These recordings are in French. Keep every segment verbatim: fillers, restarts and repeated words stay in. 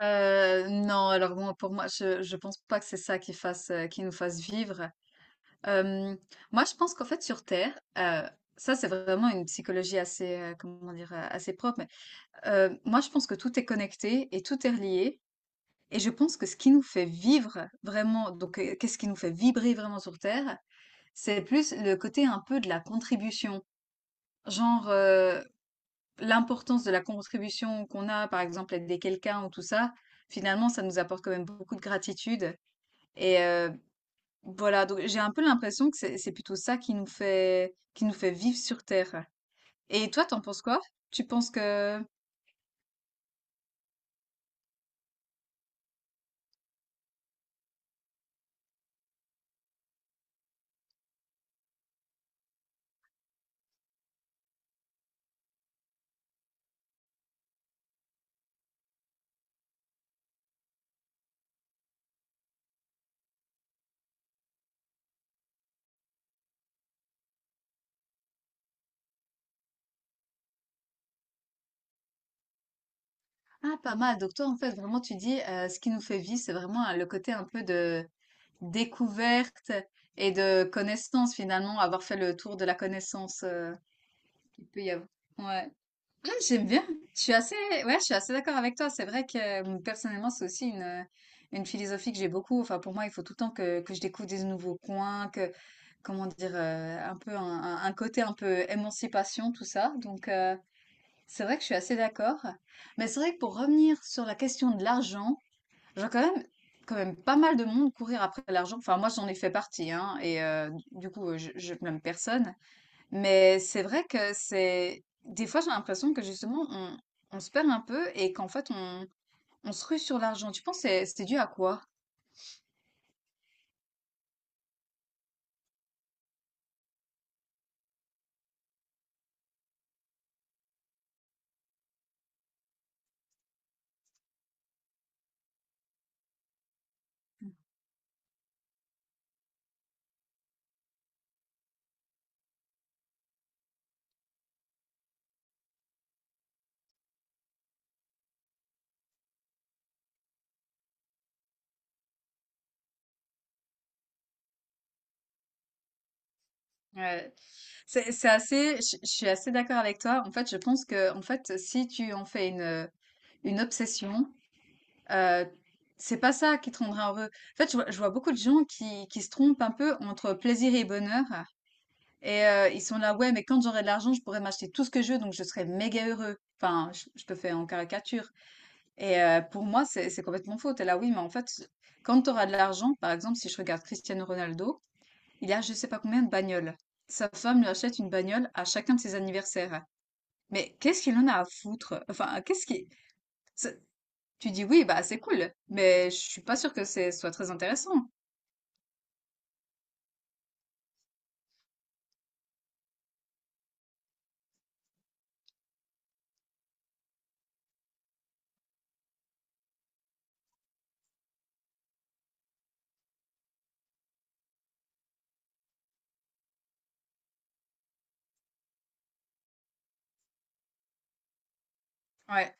Heu, non, alors bon, pour moi, je je pense pas que c'est ça qui fasse, heu, qui nous fasse vivre. Hem, Moi, je pense qu'en fait, sur terre, heu, ça, c'est vraiment une psychologie assez, heu, comment dire? Heu, assez propre, mais, heu, moi, je pense que tout est connecté et tout est relié, et je pense que ce qui nous fait vivre vraiment, donc, heu, qu'est-ce qui nous fait vibrer vraiment sur terre? C'est plus le côté un peu de la contribution. Genre, heu l'importance de la contribution qu'on a, par exemple, aider quelqu'un ou tout ça, finalement, ça nous apporte quand même beaucoup de gratitude. Et heu, voilà, donc j'ai un peu l'impression que c'est c'est plutôt ça qui nous fait qui nous fait vivre sur terre. Et toi, t'en penses quoi? Tu penses que ah, pas mal, donc toi, en fait, vraiment, tu dis, heu, ce qui nous fait vivre, c'est vraiment, heu, le côté un peu de découverte et de connaissance, finalement, avoir fait le tour de la connaissance, heu, qu'il peut y avoir. Ouais. J'aime bien. Je suis assez, ouais, je suis assez d'accord avec toi. C'est vrai que euh, personnellement, c'est aussi une, euh, une philosophie que j'ai beaucoup. Enfin, pour moi, il faut tout le temps que, que je découvre des nouveaux coins, que, comment dire, euh, un peu un, un- un côté un peu émancipation, tout ça. Donc, euh, c'est vrai que je suis assez d'accord. Mais c'est vrai que, pour revenir sur la question de l'argent, j'ai quand même, quand même pas mal de monde courir après l'argent. Enfin, moi, j'en ai fait partie, hein, et euh, du coup, euh, je, je blâme personne. Mais c'est vrai que c'est... Des fois, j'ai l'impression que justement, on, on se perd un peu et qu'en fait, on, on se rue sur l'argent. Tu penses que c'est c'est dû à quoi? Ouais. C'est c'est assez... Je je suis assez d'accord avec toi. En fait, je pense que, en fait, si tu en fais une, une obsession, euh, c'est pas ça qui te rendra heureux. En fait, je vois, je vois beaucoup de gens qui, qui se trompent un peu entre plaisir et bonheur. Et euh, ils sont là, ouais, mais quand j'aurai de l'argent, je pourrai m'acheter tout ce que je veux, donc je serai méga heureux. Enfin, je, je te fais en caricature. Et euh, pour moi, c'est c'est complètement faux. T'es là, oui, mais en fait, quand tu auras de l'argent, par exemple, si je regarde Cristiano Ronaldo, il a je sais pas combien de bagnoles. Sa femme lui achète une bagnole à chacun de ses anniversaires. Mais qu'est-ce qu'il en a à foutre? Enfin, qu'est-ce qui... c'est- Tu dis oui, bah c'est cool, mais je suis pas sûre que c'est soit très intéressant. Ouais,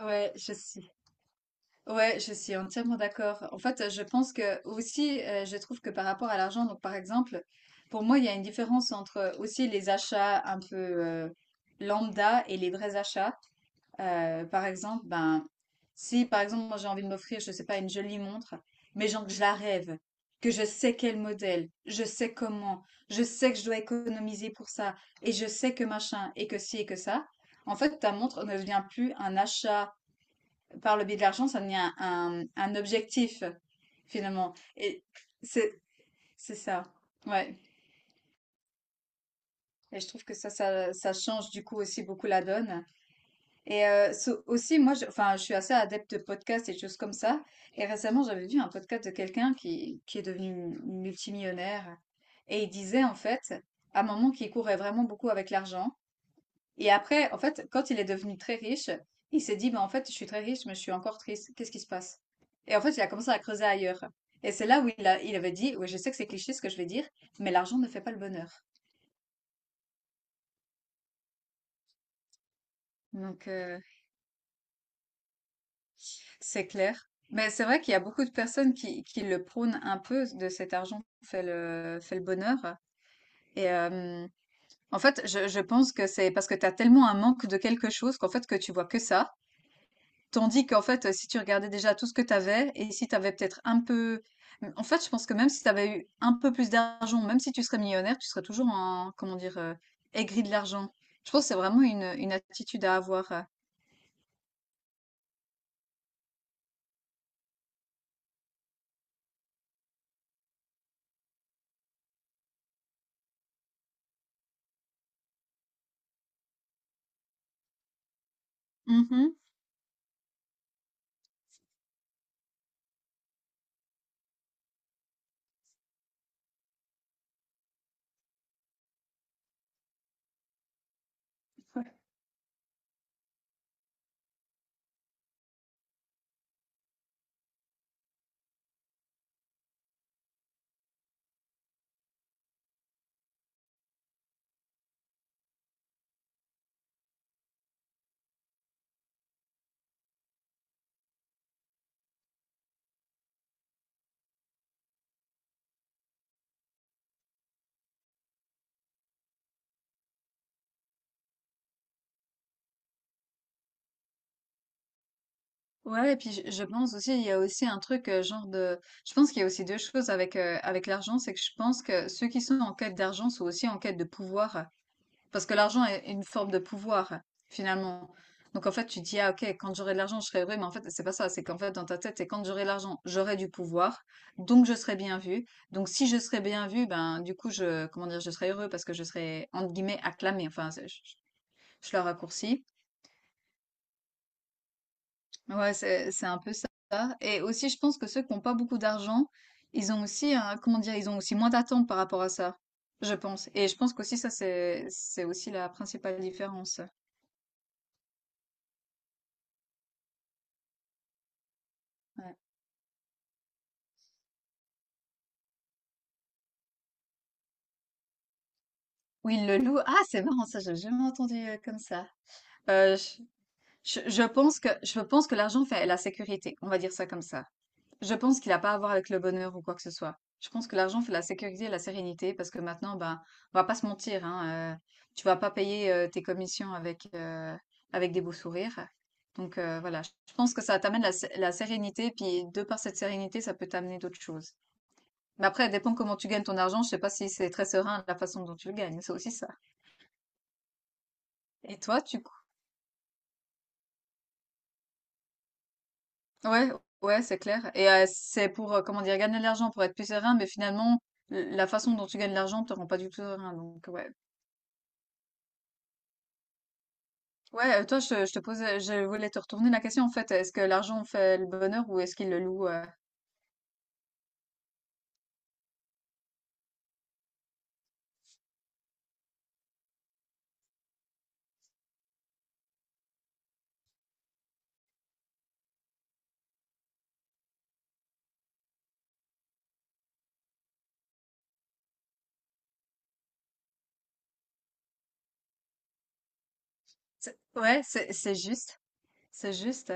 ouais, je suis ouais, je suis entièrement d'accord. En fait, je pense que aussi, euh, je trouve que, par rapport à l'argent, donc, par exemple, pour moi, il y a une différence entre aussi les achats un peu euh, lambda et les vrais achats. Euh, par exemple, ben, si par exemple, moi j'ai envie de m'offrir, je sais pas, une jolie montre, mais genre que je la rêve, que je sais quel modèle, je sais comment, je sais que je dois économiser pour ça, et je sais que machin, et que ci, et que ça. En fait, ta montre ne devient plus un achat par le biais de l'argent, ça devient un, un objectif, finalement. Et c'est, c'est ça. Ouais. Et je trouve que ça, ça, ça change du coup aussi beaucoup la donne. Et euh, so- aussi, moi, je, enfin, je suis assez adepte de podcasts et de choses comme ça. Et récemment, j'avais vu un podcast de quelqu'un qui, qui est devenu multimillionnaire. Et il disait, en fait, à un moment, qu'il courait vraiment beaucoup avec l'argent. Et après, en fait, quand il est devenu très riche, il s'est dit, mais en fait, je suis très riche, mais je suis encore triste. Qu'est-ce qui se passe? Et en fait, il a commencé à creuser ailleurs. Et c'est là où il a, il avait dit, oui, je sais que c'est cliché ce que je vais dire, mais l'argent ne fait pas le bonheur. Donc, euh, c'est clair. Mais c'est vrai qu'il y a beaucoup de personnes qui, qui le prônent un peu, de cet argent fait le, fait le bonheur. Et euh, en fait, je, je pense que c'est parce que tu as tellement un manque de quelque chose qu'en fait, que tu vois que ça. Tandis qu'en fait, heu, si tu regardais déjà tout ce que tu avais et si tu avais peut-être un peu mmh, en fait, je pense que, même si tu avais eu un peu plus d'argent, même si tu serais millionnaire, tu serais toujours en, comment dire? Heu, aigri de l'argent. Je pense que c'est vraiment une, une attitude à avoir, heu. Mmh. Ouais, et puis je je pense aussi, il y a aussi un truc, heu, genre de, je pense qu'il y a aussi deux choses avec, heu, avec l'argent, c'est que je pense que ceux qui sont en quête d'argent sont aussi en quête de pouvoir. Parce que l'argent est une forme de pouvoir, finalement. Donc, en fait, tu dis, ah ok, quand j'aurai de l'argent, je serai heureux, mais en fait, c'est pas ça. C'est qu'en fait, dans ta tête, c'est, quand j'aurai de l'argent, j'aurai du pouvoir, donc je serai bien vu. Donc, si je serai bien vu, ben du coup, je, comment dire, je serai heureux parce que je serai, entre guillemets, acclamé. Enfin, c'est- je, je le raccourcis. Ouais, c'est, c'est un peu ça. Et aussi, je pense que ceux qui n'ont pas beaucoup d'argent, ils ont aussi, un- comment dire, ils ont aussi moins d'attentes par rapport à ça, je pense. Et je pense qu'aussi, ça, c'est, c'est aussi la principale différence. euh, Où ils le loue. Ah, c'est marrant ça, j'ai jamais entendu, heu, comme ça. Heu, je je je pense que je pense que l'argent fait la sécurité, on va dire ça comme ça. Je pense qu'il a pas à voir avec le bonheur ou quoi que ce soit. Je pense que l'argent fait la sécurité et la sérénité parce que maintenant, ben, on va pas se mentir, hein, heu, tu vas pas payer, heu, tes commissions avec, heu, avec des beaux sourires. Donc heu, voilà, je je pense que ça t'amène la sé la sérénité, puis de par cette sérénité, ça peut t'amener d'autres choses. Mais après, ça dépend comment tu gagnes ton argent, je sais pas si c'est très serein la façon dont tu le gagnes, c'est aussi ça. Et toi, tu ouais, ouais, c'est clair. Et euh, c'est pour, euh, comment dire, gagner de l'argent, pour être plus serein, mais finalement, l- la façon dont tu gagnes de l'argent te rend pas du tout serein. Donc, ouais. Ouais, euh, toi, je, je te posais, je voulais te retourner la question, en fait. Est-ce que l'argent fait le bonheur ou est-ce qu'il le loue? euh C'est- Ouais, c'est, c'est juste. C'est juste.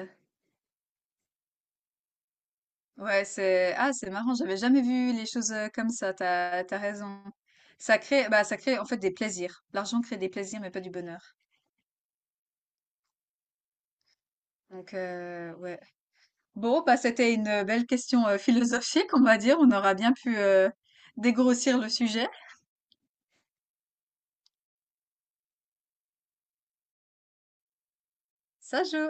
Ouais, c'est, ah, c'est marrant. J'avais jamais vu les choses euh, comme ça. T'as, t'as raison. Ça crée, bah, ça crée, en fait, des plaisirs. L'argent crée des plaisirs, mais pas du bonheur. Donc, euh, ouais. Bon, bah, c'était une euh, belle question euh, philosophique, on va dire. On aura bien pu euh, dégrossir le sujet. Ça joue.